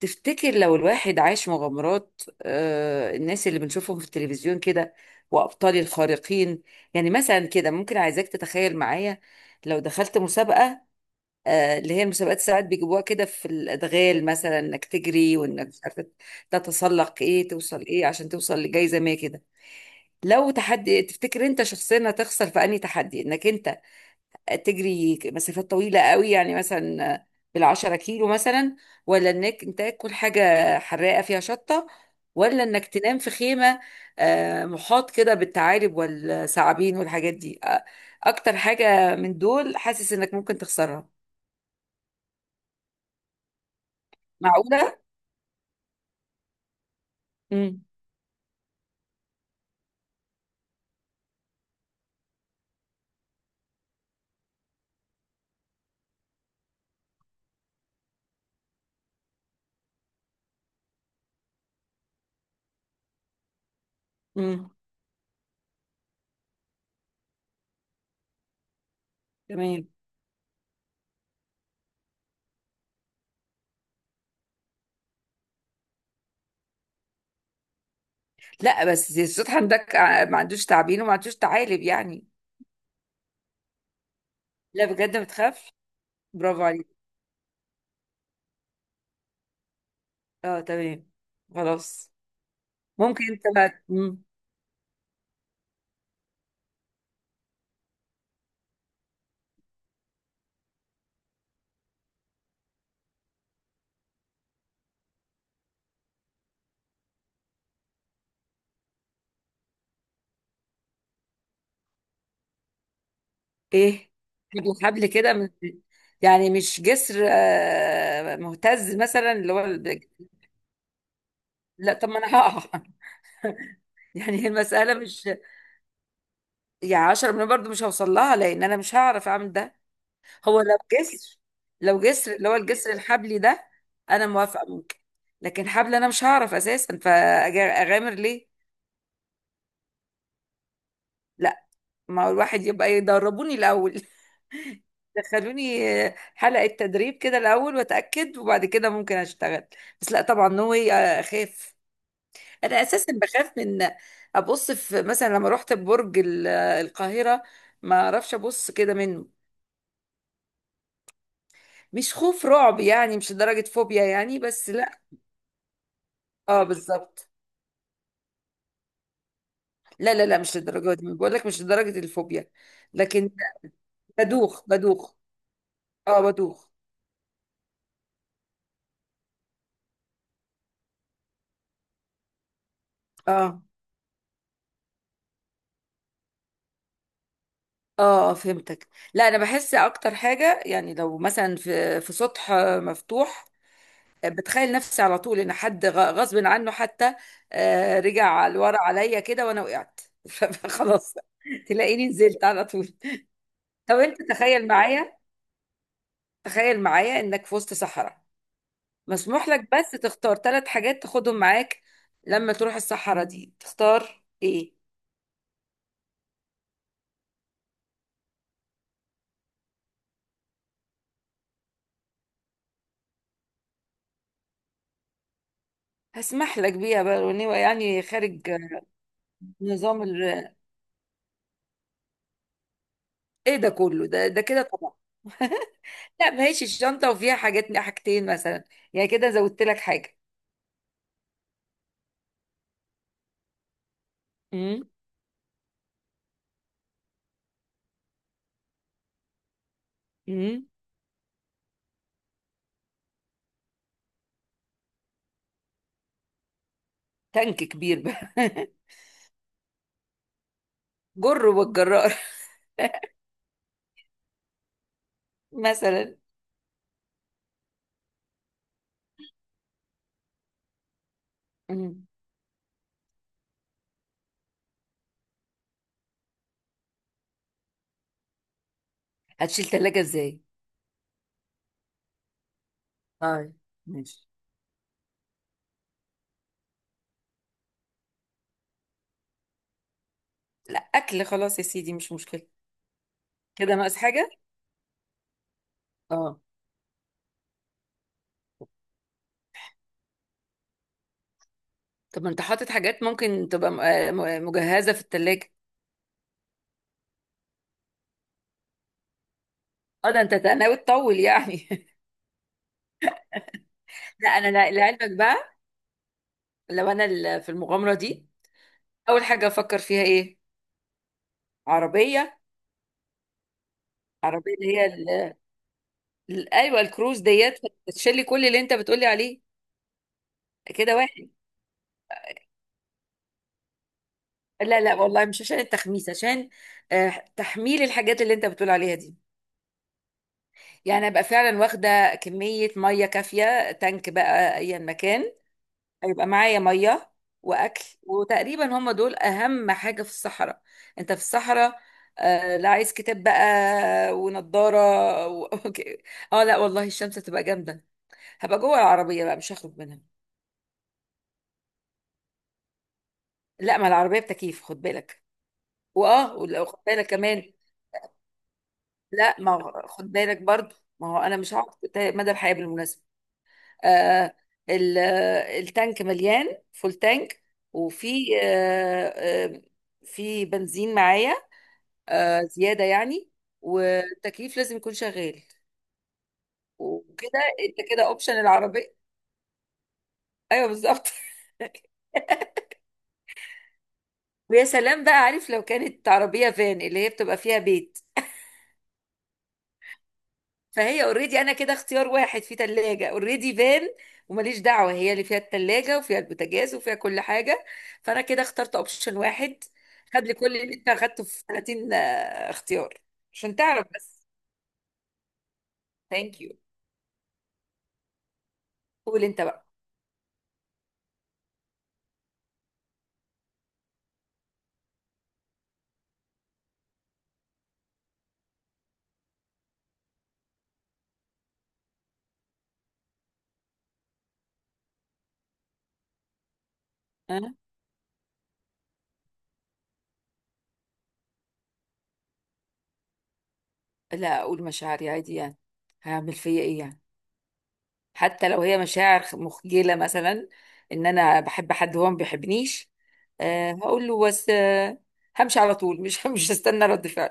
تفتكر لو الواحد عاش مغامرات، الناس اللي بنشوفهم في التلفزيون كده وأبطال الخارقين؟ يعني مثلا كده ممكن عايزاك تتخيل معايا. لو دخلت مسابقة، اللي هي المسابقات ساعات بيجيبوها كده في الأدغال مثلا، إنك تجري وإنك مش عارفة تتسلق إيه، توصل إيه عشان توصل لجائزة ما كده. لو تحدي، تفتكر أنت شخصيا هتخسر في أنهي تحدي؟ إنك أنت تجري مسافات طويلة قوي، يعني مثلا بالعشرة كيلو مثلا، ولا انك انت تاكل حاجة حراقة فيها شطة، ولا انك تنام في خيمة محاط كده بالثعالب والثعابين والحاجات دي؟ اكتر حاجة من دول حاسس انك ممكن تخسرها؟ معقولة؟ امم. امم. تمام. لا، بس زي الصوت عندك ما عندوش تعابين وما عندوش ثعالب يعني. لا، بجد ما تخافش. برافو عليك. اه، تمام. خلاص. ممكن انت بقى. ايه، حبل حبل كده من، يعني مش جسر مهتز مثلا، اللي هو لا طب ما انا هقع يعني هي المسألة مش، يعني 10 مليون برضو مش هوصل لها، لان انا مش هعرف اعمل ده. هو لو جسر، لو جسر اللي هو الجسر الحبلي ده، انا موافقة ممكن. لكن حبل انا مش هعرف اساسا، فاغامر ليه؟ لا، ما هو الواحد يبقى يدربوني الأول دخلوني حلقة تدريب كده الأول وأتأكد، وبعد كده ممكن أشتغل. بس لا طبعا، نو واي. أخاف. أنا أساسا بخاف من أبص في، مثلا لما رحت برج القاهرة ما أعرفش أبص كده منه. مش خوف رعب يعني، مش لدرجة فوبيا يعني، بس لا. اه بالظبط. لا لا لا، مش للدرجة دي، بقول لك مش لدرجة الفوبيا. لكن بدوخ بدوخ. اه بدوخ. اه، اه، فهمتك. لا انا بحس اكتر حاجه يعني، لو مثلا في سطح مفتوح، بتخيل نفسي على طول ان حد غصب عنه حتى رجع لورا عليا كده وانا وقعت فخلاص تلاقيني نزلت على طول. طب انت تخيل معايا انك في وسط صحراء، مسموح لك بس تختار 3 حاجات تاخدهم معاك. لما تروح الصحراء دي تختار ايه؟ هسمح لك بيها بقى، يعني خارج نظام. ايه ده كله؟ ده ده كده طبعا لا، ما هيش الشنطه وفيها حاجات، حاجتين مثلا. يعني كده زودت لك حاجه. امم. امم. تانك كبير بقى جر والجرار مثلا. مم. هتشيل ثلاجه ازاي؟ طيب ماشي. لا، اكل خلاص يا سيدي، مش مشكله. كده ناقص حاجه. اه، طب ما انت حاطط حاجات ممكن تبقى مجهزه في الثلاجه. اه، ده انت ناوي تطول يعني لا انا لعلمك بقى، لو انا في المغامره دي اول حاجه افكر فيها ايه؟ عربيه. عربية اللي هي ايوه الكروز ديت، بتشيلي كل اللي انت بتقولي عليه كده، واحد. لا لا، والله مش عشان التخميس، عشان آه، تحميل الحاجات اللي انت بتقول عليها دي. يعني ابقى فعلا واخده كميه ميه كافيه، تانك بقى، ايا مكان هيبقى معايا ميه واكل، وتقريبا هم دول اهم حاجه في الصحراء. انت في الصحراء. آه لا عايز كتاب بقى ونضاره و... أوكي. اه لا والله، الشمس هتبقى جامده، هبقى جوه العربيه بقى مش هخرج منها. لا، ما العربية بتكييف، خد بالك. واه، ولو خد بالك كمان. لا، ما هو- خد بالك برضو، ما هو انا مش هقعد مدى الحياة بالمناسبة. آه التانك مليان، فول تانك. وفي في بنزين معايا زيادة يعني. والتكييف لازم يكون شغال. وكده انت كده اوبشن العربية. ايوه بالظبط ويا سلام بقى عارف، لو كانت عربية فان اللي هي بتبقى فيها بيت، فهي اوريدي. انا كده اختيار واحد، في تلاجة اوريدي فان، وماليش دعوة، هي اللي فيها التلاجة وفيها البوتاجاز وفيها كل حاجة. فانا كده اخترت اوبشن واحد، خد لي كل اللي انت اخدته في 30 اختيار، عشان تعرف بس. ثانك يو. قول انت بقى. أه؟ لا، اقول مشاعري عادي يعني، هعمل فيا ايه يعني؟ حتى لو هي مشاعر مخجلة مثلا، ان انا بحب حد هو ما بيحبنيش، أه هقول له، بس أه، همشي على طول، مش مش هستنى رد فعل.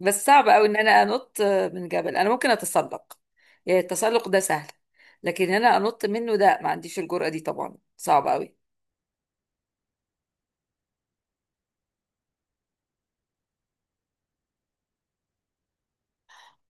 بس صعب قوي ان انا انط من جبل. انا ممكن اتسلق، يعني التسلق ده سهل، لكن انا انط منه ده ما عنديش الجرأة دي، طبعا صعب قوي.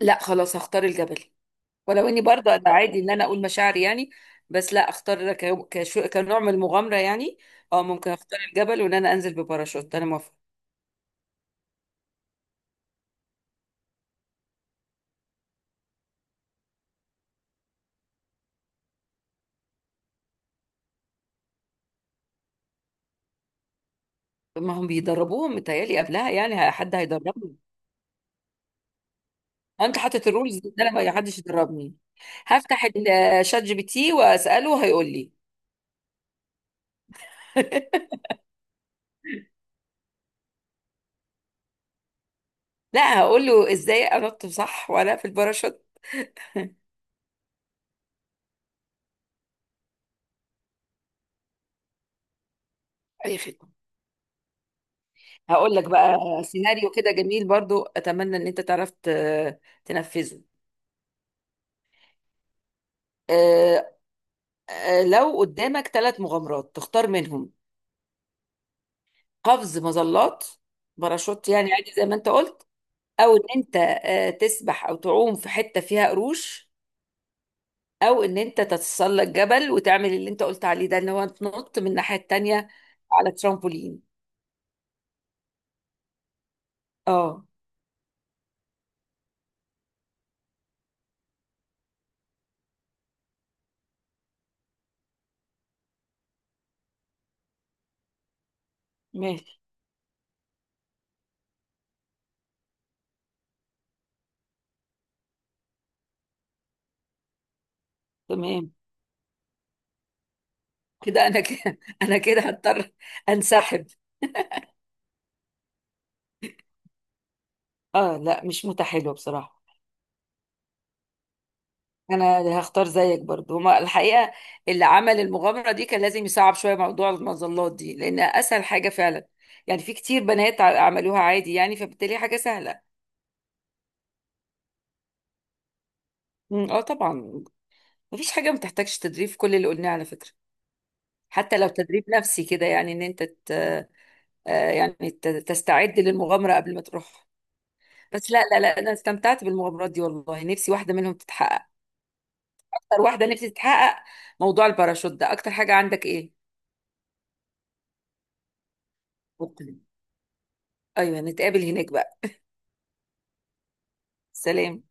لا، خلاص هختار الجبل، ولو اني برضه انا عادي ان انا اقول مشاعري يعني، بس لا اختار كشو كنوع من المغامرة يعني. اه، ممكن اختار الجبل وان انا انزل بباراشوت، انا موافقة. ما هم بيدربوهم متهيألي قبلها يعني، حد هيدربني. انت حاطط الرولز دي إن انا ما حدش يدربني. هفتح الشات جي بي تي واساله هيقول لي لا، هقول له ازاي انط صح وانا في الباراشوت. اي خدمه. هقول لك بقى سيناريو كده جميل برضو، اتمنى ان انت تعرف تنفذه. آه، لو قدامك 3 مغامرات تختار منهم: قفز مظلات، باراشوت يعني عادي زي ما انت قلت، او ان انت تسبح او تعوم في حته فيها قروش، او ان انت تتسلق جبل وتعمل اللي انت قلت عليه ده، ان هو تنط من الناحيه التانيه على ترامبولين. اه. ماشي. تمام. كده انا كده انا كده هضطر انسحب. اه لا، مش متحلو بصراحه. انا هختار زيك برضو هما الحقيقه. اللي عمل المغامره دي كان لازم يصعب شويه موضوع المظلات دي، لان اسهل حاجه فعلا، يعني في كتير بنات عملوها عادي يعني، فبالتالي حاجه سهله. أمم، اه طبعا. مفيش حاجه ما تحتاجش تدريب في كل اللي قلناه على فكره، حتى لو تدريب نفسي كده، يعني ان انت ت... آه، يعني تستعد للمغامره قبل ما تروح. بس لا لا لا، انا استمتعت بالمغامرات دي والله، نفسي واحده منهم تتحقق. اكتر واحده نفسي تتحقق موضوع الباراشوت ده. اكتر حاجه عندك ايه؟ اوكي. ايوه نتقابل هناك بقى. سلام.